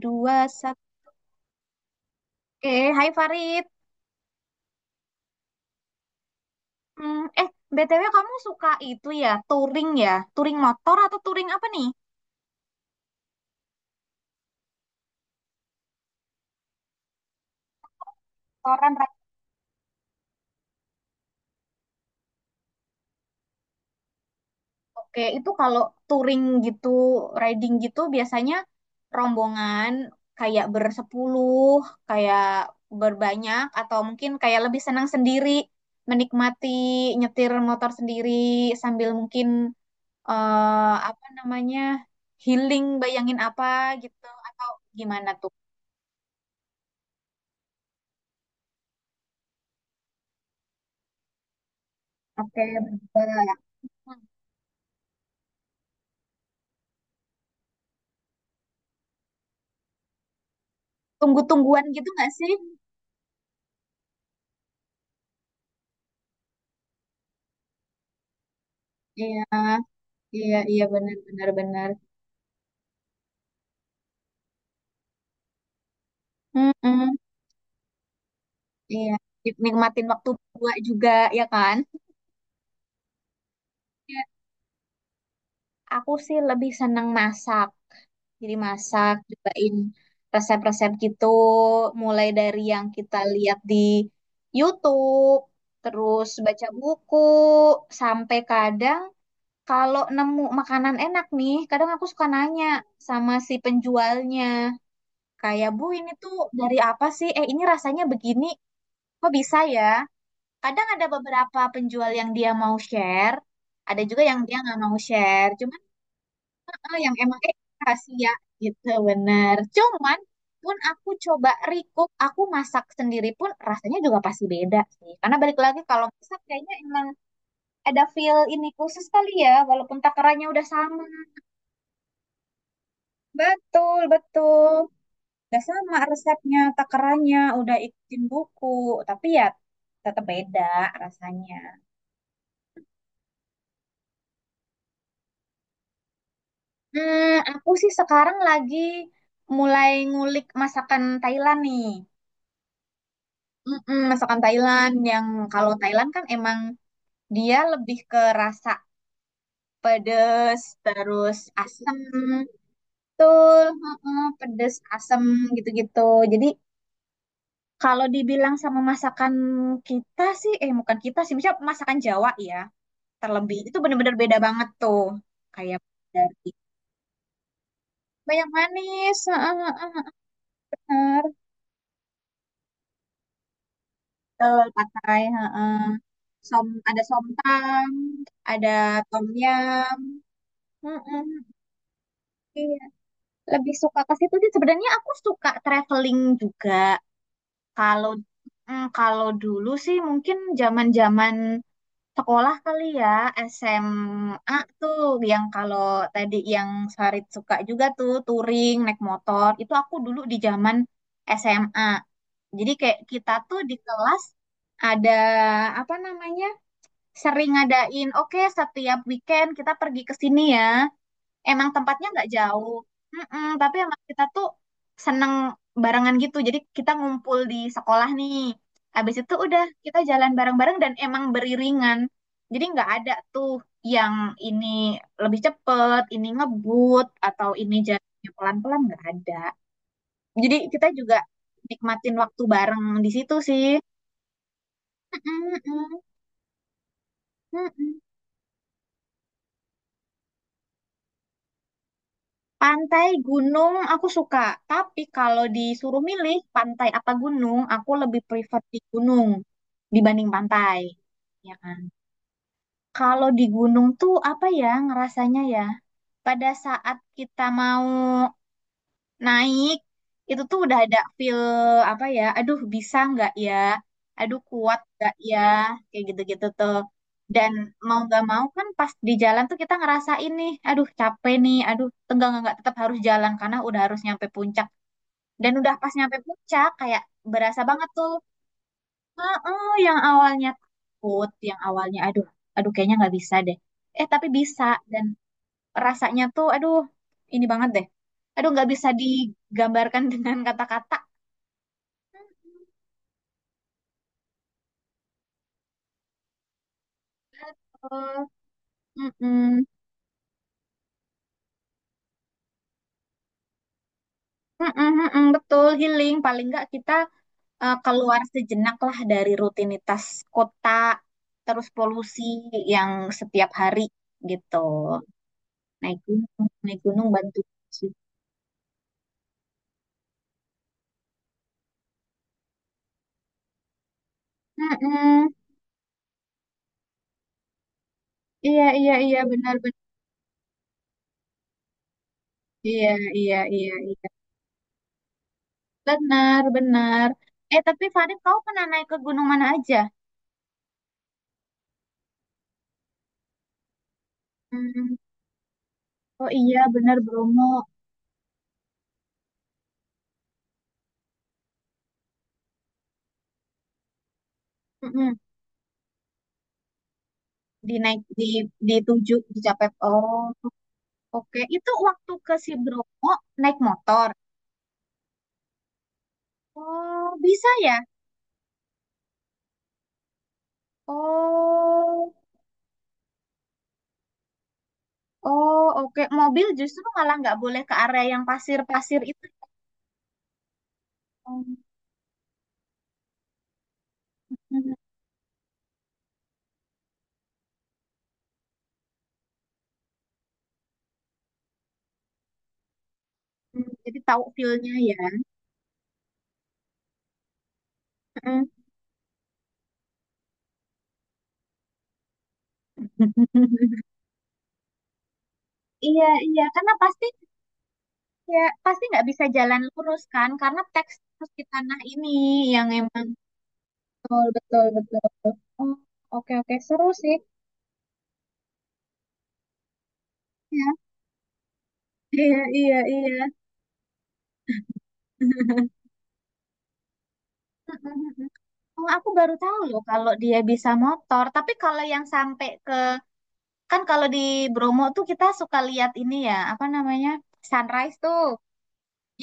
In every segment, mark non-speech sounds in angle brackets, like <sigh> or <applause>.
Dua. Satu. Oke. Hai, Farid. Hmm, BTW kamu suka itu, ya, touring, ya touring motor, atau touring apa nih? Motoran, ride. Oke, itu kalau touring gitu, riding gitu, biasanya rombongan, kayak bersepuluh, kayak berbanyak, atau mungkin kayak lebih senang sendiri, menikmati nyetir motor sendiri, sambil mungkin, apa namanya, healing, bayangin apa gitu, atau gimana tuh? Oke, berdua. Tunggu-tungguan gitu nggak sih? Iya, iya, iya, benar, benar, benar. Mm-mm, iya, nikmatin waktu berdua juga, ya kan? Iya. Aku sih lebih seneng masak. Jadi masak, cobain resep-resep gitu, mulai dari yang kita lihat di YouTube, terus baca buku, sampai kadang, kalau nemu makanan enak nih, kadang aku suka nanya sama si penjualnya. Kayak, Bu, ini tuh dari apa sih? Eh, ini rasanya begini, kok bisa ya? Kadang ada beberapa penjual yang dia mau share, ada juga yang dia nggak mau share. Cuman yang emang kasih ya gitu, bener. Cuman pun aku coba recook, aku masak sendiri pun rasanya juga pasti beda sih. Karena balik lagi, kalau masak kayaknya emang ada feel ini khusus kali ya, walaupun takarannya udah sama. Betul, betul. Udah sama resepnya, takarannya, udah ikutin buku, tapi ya tetap beda rasanya. Hmm, aku sih sekarang lagi mulai ngulik masakan Thailand nih. Mm-mm, masakan Thailand yang, kalau Thailand kan emang dia lebih ke rasa pedes, terus asem, betul, mm-mm, pedes, asem gitu-gitu. Jadi kalau dibilang sama masakan kita sih, eh, bukan kita sih, misalnya masakan Jawa ya, terlebih itu bener-bener beda banget tuh, kayak dari banyak manis, heeh, heeh, heeh. Betul pakai, heeh. Som, ada somtang, ada tom yum, heeh, iya, lebih suka ke situ sih. Sebenarnya aku suka traveling juga, kalau kalau dulu sih mungkin zaman-zaman sekolah kali ya, SMA tuh, yang kalau tadi yang Farid suka juga tuh, touring, naik motor. Itu aku dulu di zaman SMA. Jadi kayak kita tuh di kelas ada, apa namanya, sering ngadain, oke setiap weekend kita pergi ke sini ya, emang tempatnya nggak jauh. Mm-mm, tapi emang kita tuh seneng barengan gitu, jadi kita ngumpul di sekolah nih, habis itu udah kita jalan bareng-bareng, dan emang beriringan, jadi nggak ada tuh yang ini lebih cepet, ini ngebut, atau ini jalannya pelan-pelan, nggak ada. Jadi kita juga nikmatin waktu bareng di situ sih. Mm-mm, mm-mm, mm-mm. Pantai, gunung, aku suka. Tapi kalau disuruh milih pantai apa gunung, aku lebih prefer di gunung dibanding pantai. Ya kan? Kalau di gunung tuh apa ya ngerasanya ya? Pada saat kita mau naik, itu tuh udah ada feel, apa ya, aduh bisa nggak ya, aduh kuat nggak ya, kayak gitu-gitu tuh. Dan mau nggak mau kan, pas di jalan tuh kita ngerasain nih, aduh capek nih, aduh tegang, nggak, tetap harus jalan karena udah harus nyampe puncak, dan udah pas nyampe puncak kayak berasa banget tuh. Heeh, yang awalnya takut, yang awalnya aduh, aduh kayaknya nggak bisa deh, eh tapi bisa, dan rasanya tuh aduh, ini banget deh. Aduh, nggak bisa digambarkan <laughs> dengan kata-kata. Eh, Mm-mm. Mm-mm, mm-mm, betul, healing. Paling nggak kita keluar sejenak lah dari rutinitas kota, terus polusi yang setiap hari gitu. Naik gunung bantu sih. Mm-mm. Iya, iya, iya, benar, benar. Iya, iya, iya, iya. Benar, benar. Eh, tapi Farid, kau pernah naik ke gunung mana aja? Hmm. Oh iya, benar, Bromo. Mm-mm. Di naik di tujuh di Japek. Oh oke, itu waktu ke si Bromo naik motor. Oh bisa ya. Oh, oh, oke. Mobil justru malah nggak boleh ke area yang pasir-pasir itu. Oh, mm, mm. Jadi tahu feel-nya ya. Mm. <laughs> Iya, iya, karena pasti, ya pasti nggak bisa jalan lurus kan, karena teks di tanah ini yang emang betul, betul, betul. Oh, oke, oke. Seru sih. Ya. Iya, iya, iya. <laughs> mm Oh, aku baru tahu loh kalau dia bisa motor. Tapi kalau yang sampai ke, kan kalau di Bromo tuh kita suka lihat ini ya, apa namanya? Sunrise tuh,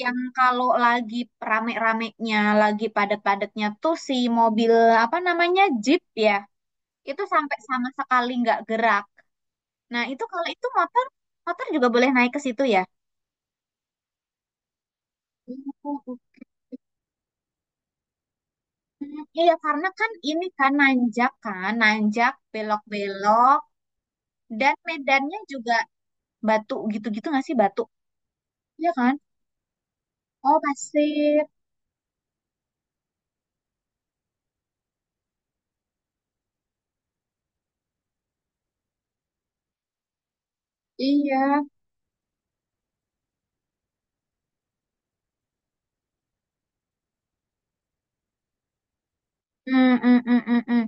yang kalau lagi rame-ramenya, lagi padat-padatnya tuh si mobil, apa namanya? Jeep ya. Itu sampai sama sekali nggak gerak. Nah, itu kalau itu motor, motor juga boleh naik ke situ ya. Hmm, iya, karena kan ini kan, nanjak, belok-belok, dan medannya juga batu gitu-gitu nggak sih, batu? Iya kan? Oh, pasir. Iya. Hmm, hmm, hmm, hmm, hmm.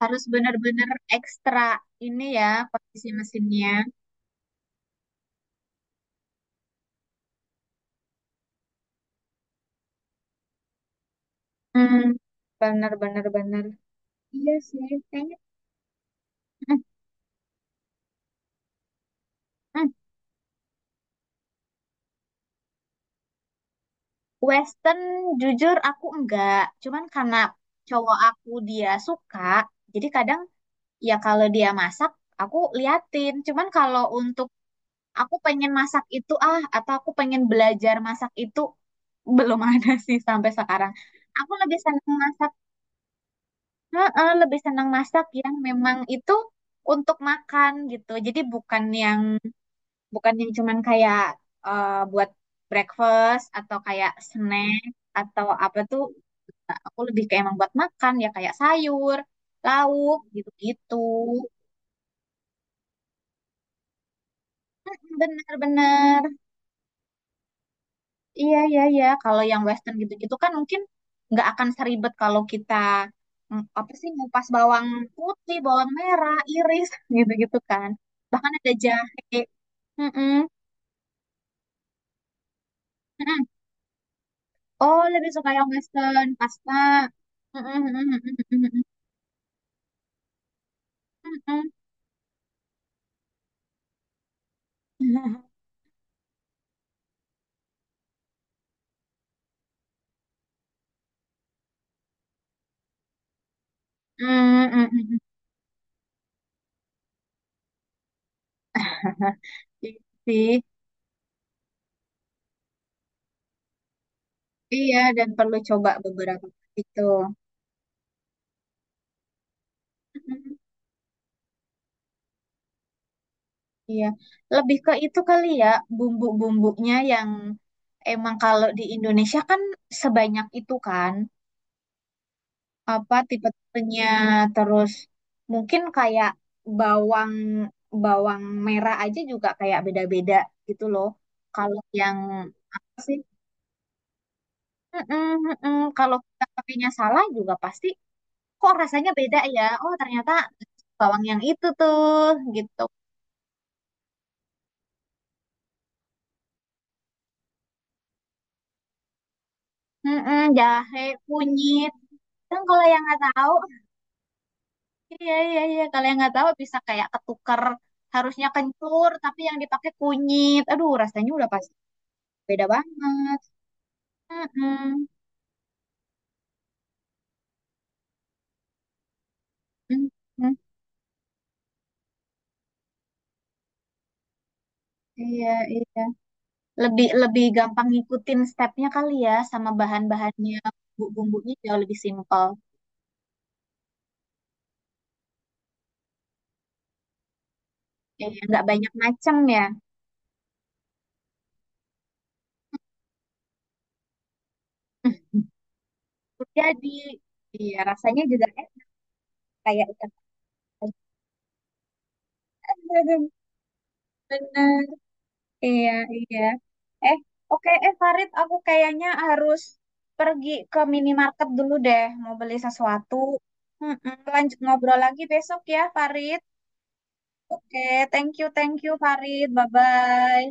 Harus benar-benar ekstra ini ya, posisi mesinnya. Hmm, benar, benar, benar. Iya sih, kayaknya. Hmm, hmm. Western, jujur aku enggak. Cuman karena cowok aku dia suka, jadi kadang, ya kalau dia masak, aku liatin. Cuman kalau untuk aku pengen masak itu ah, atau aku pengen belajar masak itu, <laughs> belum ada sih sampai sekarang. Aku lebih senang masak, heeh, lebih senang masak yang memang itu untuk makan gitu. Jadi bukan yang cuman kayak buat breakfast atau kayak snack atau apa tuh. Nah, aku lebih kayak emang buat makan, ya kayak sayur, lauk gitu-gitu. Bener-bener. Iya, iya, iya. Kalau yang Western gitu-gitu kan mungkin nggak akan seribet kalau kita, apa sih, ngupas bawang putih, bawang merah, iris <laughs> gitu-gitu kan. Bahkan ada jahe. Mm-mm, mm-mm. Oh, lebih suka yang Western, pasta. Mm-mm, mm-mm, mm-mm, mm-mm, mm-mm, mm-mm. Iya <laughs> sih. Iya, dan perlu coba beberapa itu. Iya, lebih ke itu kali ya, bumbu-bumbunya yang emang, kalau di Indonesia kan sebanyak itu kan, apa tipe-tipenya, terus mungkin kayak bawang bawang merah aja juga kayak beda-beda gitu loh. Kalau yang apa sih? Mm-mm, mm-mm. Kalau kita pakainya salah juga pasti, kok rasanya beda ya. Oh, ternyata bawang yang itu tuh gitu. Mm-mm, jahe, kunyit. Kan kalau yang nggak tahu, iya, iya, iya. Kalau yang nggak tahu bisa kayak ketuker. Harusnya kencur, tapi yang dipakai kunyit. Aduh, rasanya udah pasti beda banget. Mm-mm. Mm-mm. Iya, iya. Lebih lebih gampang ngikutin stepnya kali ya, sama bahan-bahannya, bumbu-bumbunya jauh lebih simpel. Iya, nggak banyak macam ya. <laughs> Jadi, iya rasanya juga, kayak ikan aja. <laughs> Bener. Iya, iya. Eh, oke, Farid, aku kayaknya harus pergi ke minimarket dulu deh, mau beli sesuatu. Mm-mm, lanjut ngobrol lagi besok ya, Farid. Oke, thank you, Farid. Bye-bye.